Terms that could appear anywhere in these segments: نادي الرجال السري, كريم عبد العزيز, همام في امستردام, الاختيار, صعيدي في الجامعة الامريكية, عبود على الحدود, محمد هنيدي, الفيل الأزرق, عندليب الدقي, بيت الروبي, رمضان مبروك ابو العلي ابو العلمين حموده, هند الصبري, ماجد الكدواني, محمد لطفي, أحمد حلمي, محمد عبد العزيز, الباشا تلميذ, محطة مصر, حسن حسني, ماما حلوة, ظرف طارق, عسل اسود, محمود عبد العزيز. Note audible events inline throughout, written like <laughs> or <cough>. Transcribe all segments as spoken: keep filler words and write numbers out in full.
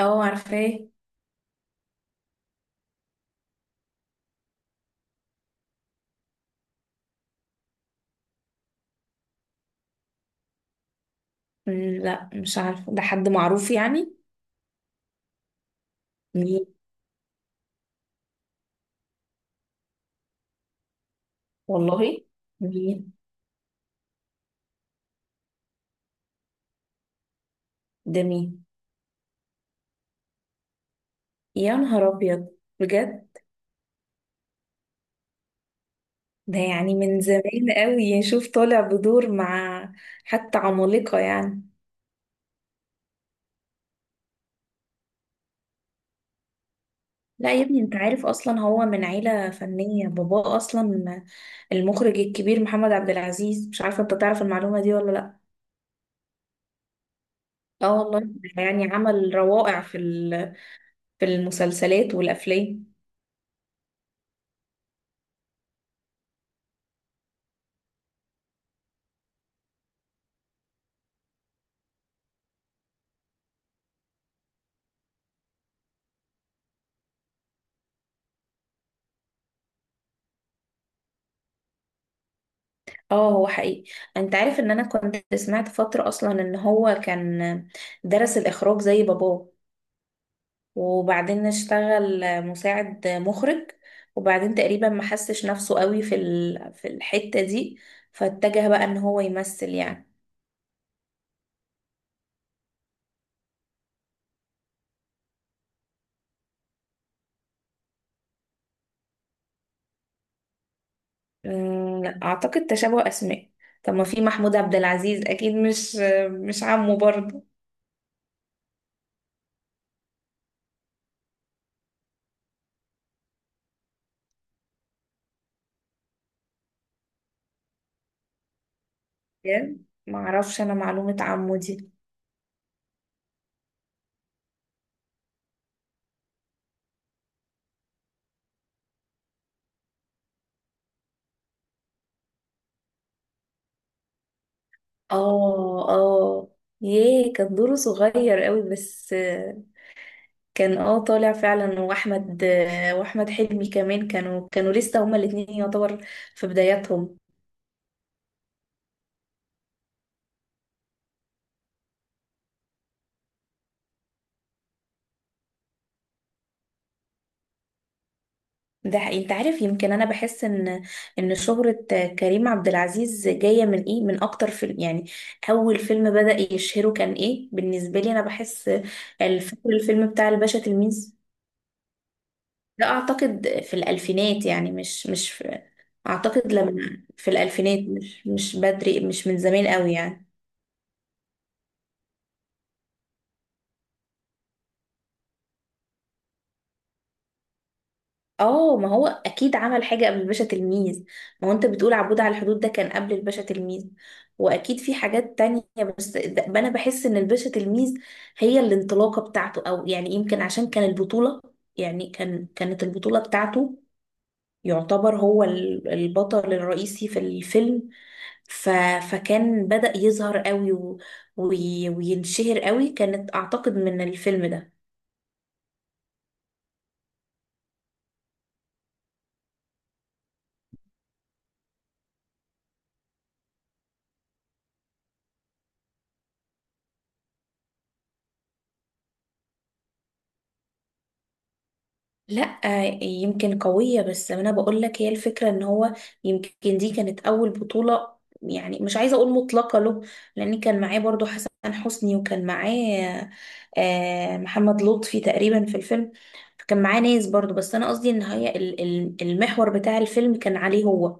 اه، عارفاه. مم. لا، مش عارفه، ده حد معروف يعني؟ مين؟ والله؟ مين؟ ده مين؟ يا نهار ابيض! بجد؟ ده يعني من زمان قوي، شوف طالع بدور مع حتى عمالقه يعني. لا يا ابني، انت عارف اصلا هو من عيله فنيه، باباه اصلا المخرج الكبير محمد عبد العزيز، مش عارفه. انت تعرف المعلومه دي ولا لا؟ اه والله. يعني عمل روائع في ال- في المسلسلات والافلام. اه، هو حقيقي. انت عارف ان انا كنت سمعت فترة اصلا ان هو كان درس الاخراج زي باباه، وبعدين اشتغل مساعد مخرج، وبعدين تقريبا ما حسش نفسه قوي في ال- في الحتة دي، فاتجه بقى ان هو يمثل يعني. أمم، لا، اعتقد تشابه اسماء. طب، ما في محمود عبد العزيز، اكيد مش مش عمه برضه. يعني، ما اعرفش انا معلومة عمه دي. اه، اه. ياه، كان دوره صغير قوي بس، كان اه طالع فعلا، واحمد آه، واحمد حلمي كمان كانوا كانوا لسه هما الاتنين يعتبر في بداياتهم. ده حقيقي. انت عارف، يمكن انا بحس ان ان شهرة آه، كريم عبد العزيز جاية من ايه، من اكتر فيلم يعني، اول فيلم بدأ يشهره كان ايه؟ بالنسبة لي انا بحس، آه، فاكر الفيلم بتاع الباشا تلميذ؟ ده اعتقد في الالفينات يعني، مش مش في، اعتقد لما في الالفينات، مش مش بدري، مش من زمان قوي يعني. اه، ما هو اكيد عمل حاجه قبل الباشا تلميذ. ما هو انت بتقول عبود على الحدود، ده كان قبل الباشا تلميذ، واكيد في حاجات تانية. بس ده- انا بحس ان الباشا تلميذ هي الانطلاقه بتاعته، او يعني يمكن عشان كان البطوله، يعني كان كانت البطوله بتاعته، يعتبر هو ال- البطل الرئيسي في الفيلم، ف فكان بدأ يظهر قوي و- وي- وينشهر قوي، كانت اعتقد من الفيلم ده. لا، يمكن قوية، بس أنا بقول لك هي الفكرة إن هو، يمكن دي كانت أول بطولة، يعني مش عايزة أقول مطلقة له، لأن كان معاه برضو حسن حسني، وكان معاه آه، محمد لطفي تقريبا في الفيلم. فكان معاه ناس برضو، بس أنا قصدي إن هي ال- ال- المحور بتاع الفيلم كان عليه هو،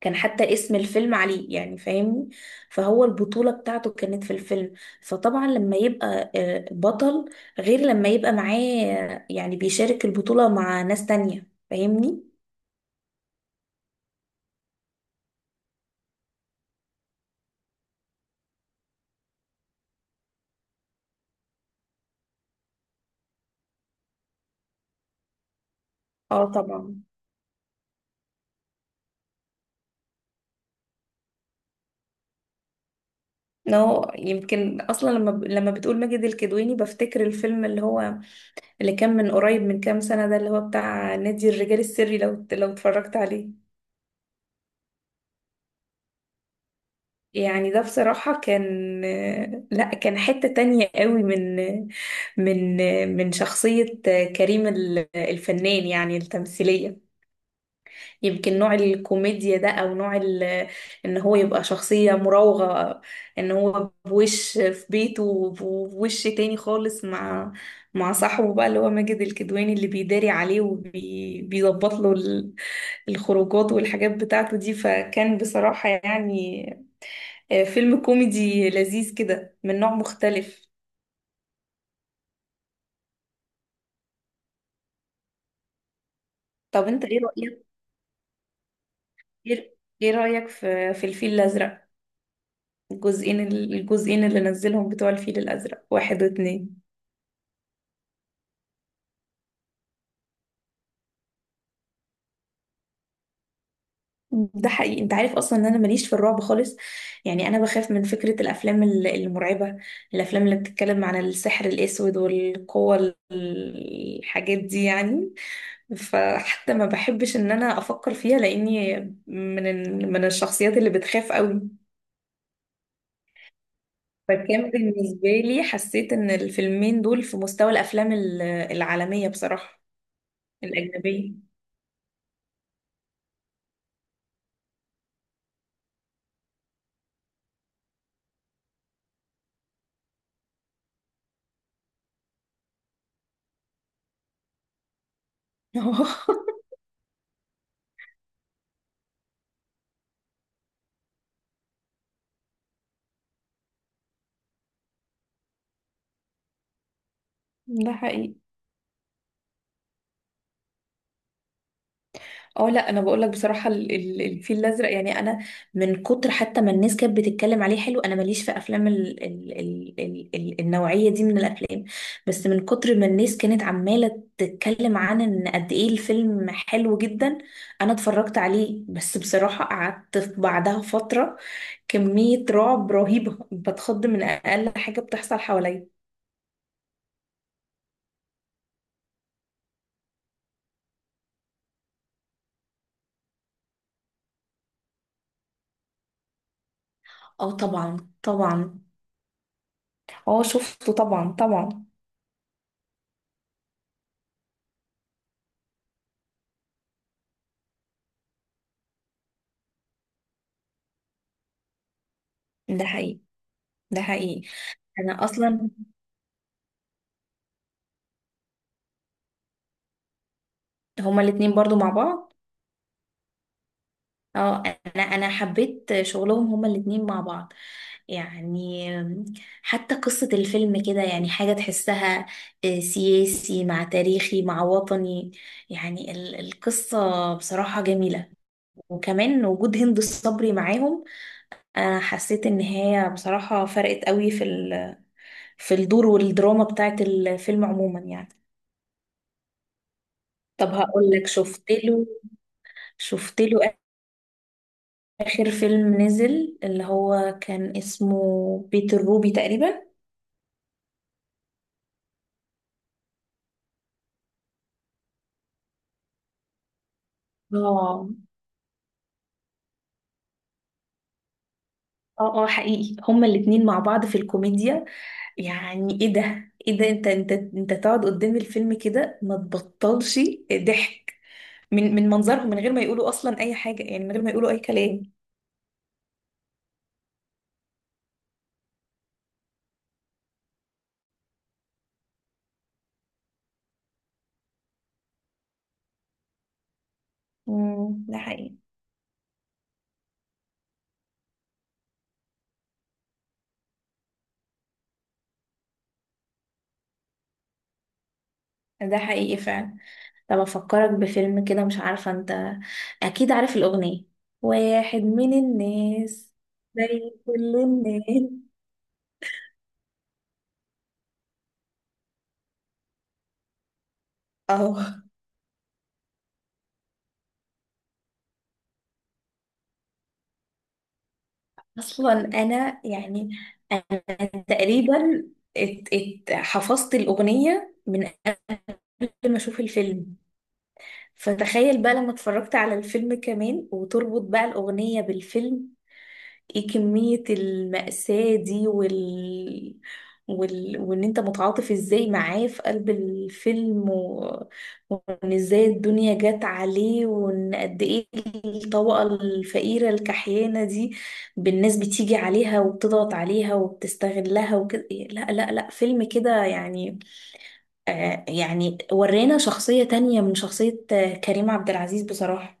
كان حتى اسم الفيلم عليه يعني، فاهمني؟ فهو البطولة بتاعته كانت في الفيلم، فطبعا لما يبقى آه، بطل غير لما يبقى معاه، آه، يعني بيشارك البطولة مع ناس تانية، فاهمني؟ اه طبعا. نو، يمكن اصلا لما ب... لما بتقول ماجد الكدواني بفتكر الفيلم اللي هو اللي كان من قريب، من كام سنة، ده اللي هو بتاع نادي الرجال السري، لو لو اتفرجت عليه؟ يعني ده بصراحة كان، لا، كان حتة تانية قوي من من من شخصية كريم ال- الفنان يعني التمثيلية. يمكن نوع الكوميديا ده، أو نوع ال- إن هو يبقى شخصية مراوغة، إن هو بوش في بيته وبوش تاني خالص، مع مع صاحبه بقى، اللي هو ماجد الكدواني اللي بيداري عليه وبيظبط له ال- الخروجات والحاجات بتاعته دي، فكان بصراحة يعني آه، فيلم كوميدي لذيذ كده من نوع مختلف. طب، انت ايه رأيك؟ ايه؟ إيه رأيك في في الفيل الأزرق، الجزئين الجزئين اللي نزلهم بتوع الفيل الأزرق واحد واتنين؟ ده حقيقي. انت عارف اصلا ان انا ماليش في الرعب خالص، يعني انا بخاف من فكرة الافلام ال- المرعبة، الافلام اللي بتتكلم عن السحر الاسود والقوة ال- الحاجات دي يعني، فحتى ما بحبش ان انا افكر فيها، لاني من ال- من الشخصيات اللي بتخاف قوي. فكان بالنسبة لي، حسيت ان الفيلمين دول في مستوى الافلام ال- العالمية بصراحة، الاجنبية. <laughs> ده حقيقي. اه، لا، انا بقول لك بصراحه ال- ال- الفيل الازرق، يعني انا من كتر حتى ما الناس كانت بتتكلم عليه حلو، انا ماليش في افلام ال ال ال ال ال النوعيه دي من الافلام، بس من كتر ما الناس كانت عماله تتكلم عن ان قد ايه الفيلم حلو جدا، انا اتفرجت عليه، بس بصراحه قعدت في بعدها فتره كميه رعب رهيبه، بتخض من اقل حاجه بتحصل حواليا. اه، طبعا طبعا. اه، شفته طبعا طبعا. ده حقيقي. ده حقيقي. انا اصلا، هما الاتنين برضو مع بعض. اه، انا انا حبيت شغلهم هما الاتنين مع بعض يعني، حتى قصة الفيلم كده، يعني حاجة تحسها، آه، سياسي مع تاريخي مع وطني، يعني ال- القصة بصراحة جميلة، وكمان وجود هند الصبري معاهم. انا حسيت ان هي بصراحة فرقت قوي في ال- في الدور والدراما بتاعت الفيلم عموما يعني. طب، هقول لك، شفت له شفت له آخر فيلم نزل اللي هو كان اسمه بيت الروبي تقريبا؟ اه، اه، اه، حقيقي هما الاتنين مع بعض في الكوميديا، يعني ايه ده، ايه ده، انت انت انت تقعد قدام الفيلم كده ما تبطلش ضحك من من منظرهم، من غير ما يقولوا اصلا اي حاجة، يعني من غير ما يقولوا اي كلام. امم ده حقيقي. ده حقيقي فعلا. طب، افكرك بفيلم كده، مش عارفة انت اكيد عارف الأغنية؟ واحد من الناس، زي كل الناس. اه، اصلا انا يعني، انا تقريبا ات ات حفظت الاغنيه من قبل ما اشوف الفيلم، فتخيل بقى لما اتفرجت على الفيلم كمان، وتربط بقى الاغنيه بالفيلم، ايه كمية المأساة دي وال... وال... وان انت متعاطف ازاي معاه في قلب الفيلم، و... وان ازاي الدنيا جت عليه، وان قد ايه الطبقة الفقيرة الكحيانة دي بالناس، بتيجي عليها وبتضغط عليها وبتستغلها وكده. إيه، لا، لا، لا، فيلم كده يعني آه يعني ورينا شخصية تانية من شخصية آه، كريم عبد العزيز بصراحة.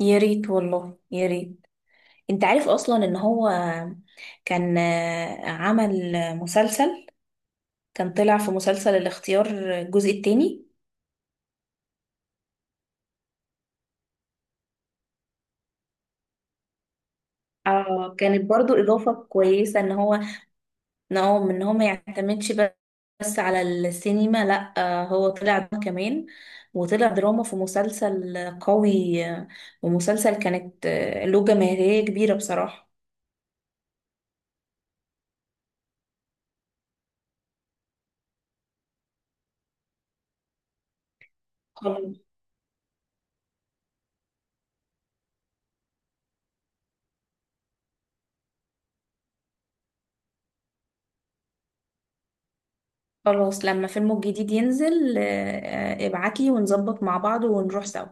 يا ريت والله يا ريت. انت عارف اصلا ان هو كان آه، عمل مسلسل، كان طلع في مسلسل الاختيار الجزء التاني. اه، كانت برضو اضافة كويسة، ان هو ان هو ان هو ما يعتمدش بس على السينما، لا، آه، هو طلع دراما كمان، وطلع دراما في مسلسل قوي، آه، ومسلسل كانت آه، له جماهيرية كبيرة بصراحة. خلاص. خلاص، لما فيلمه الجديد ينزل آه، آه، ابعتلي ونظبط مع بعض ونروح سوا.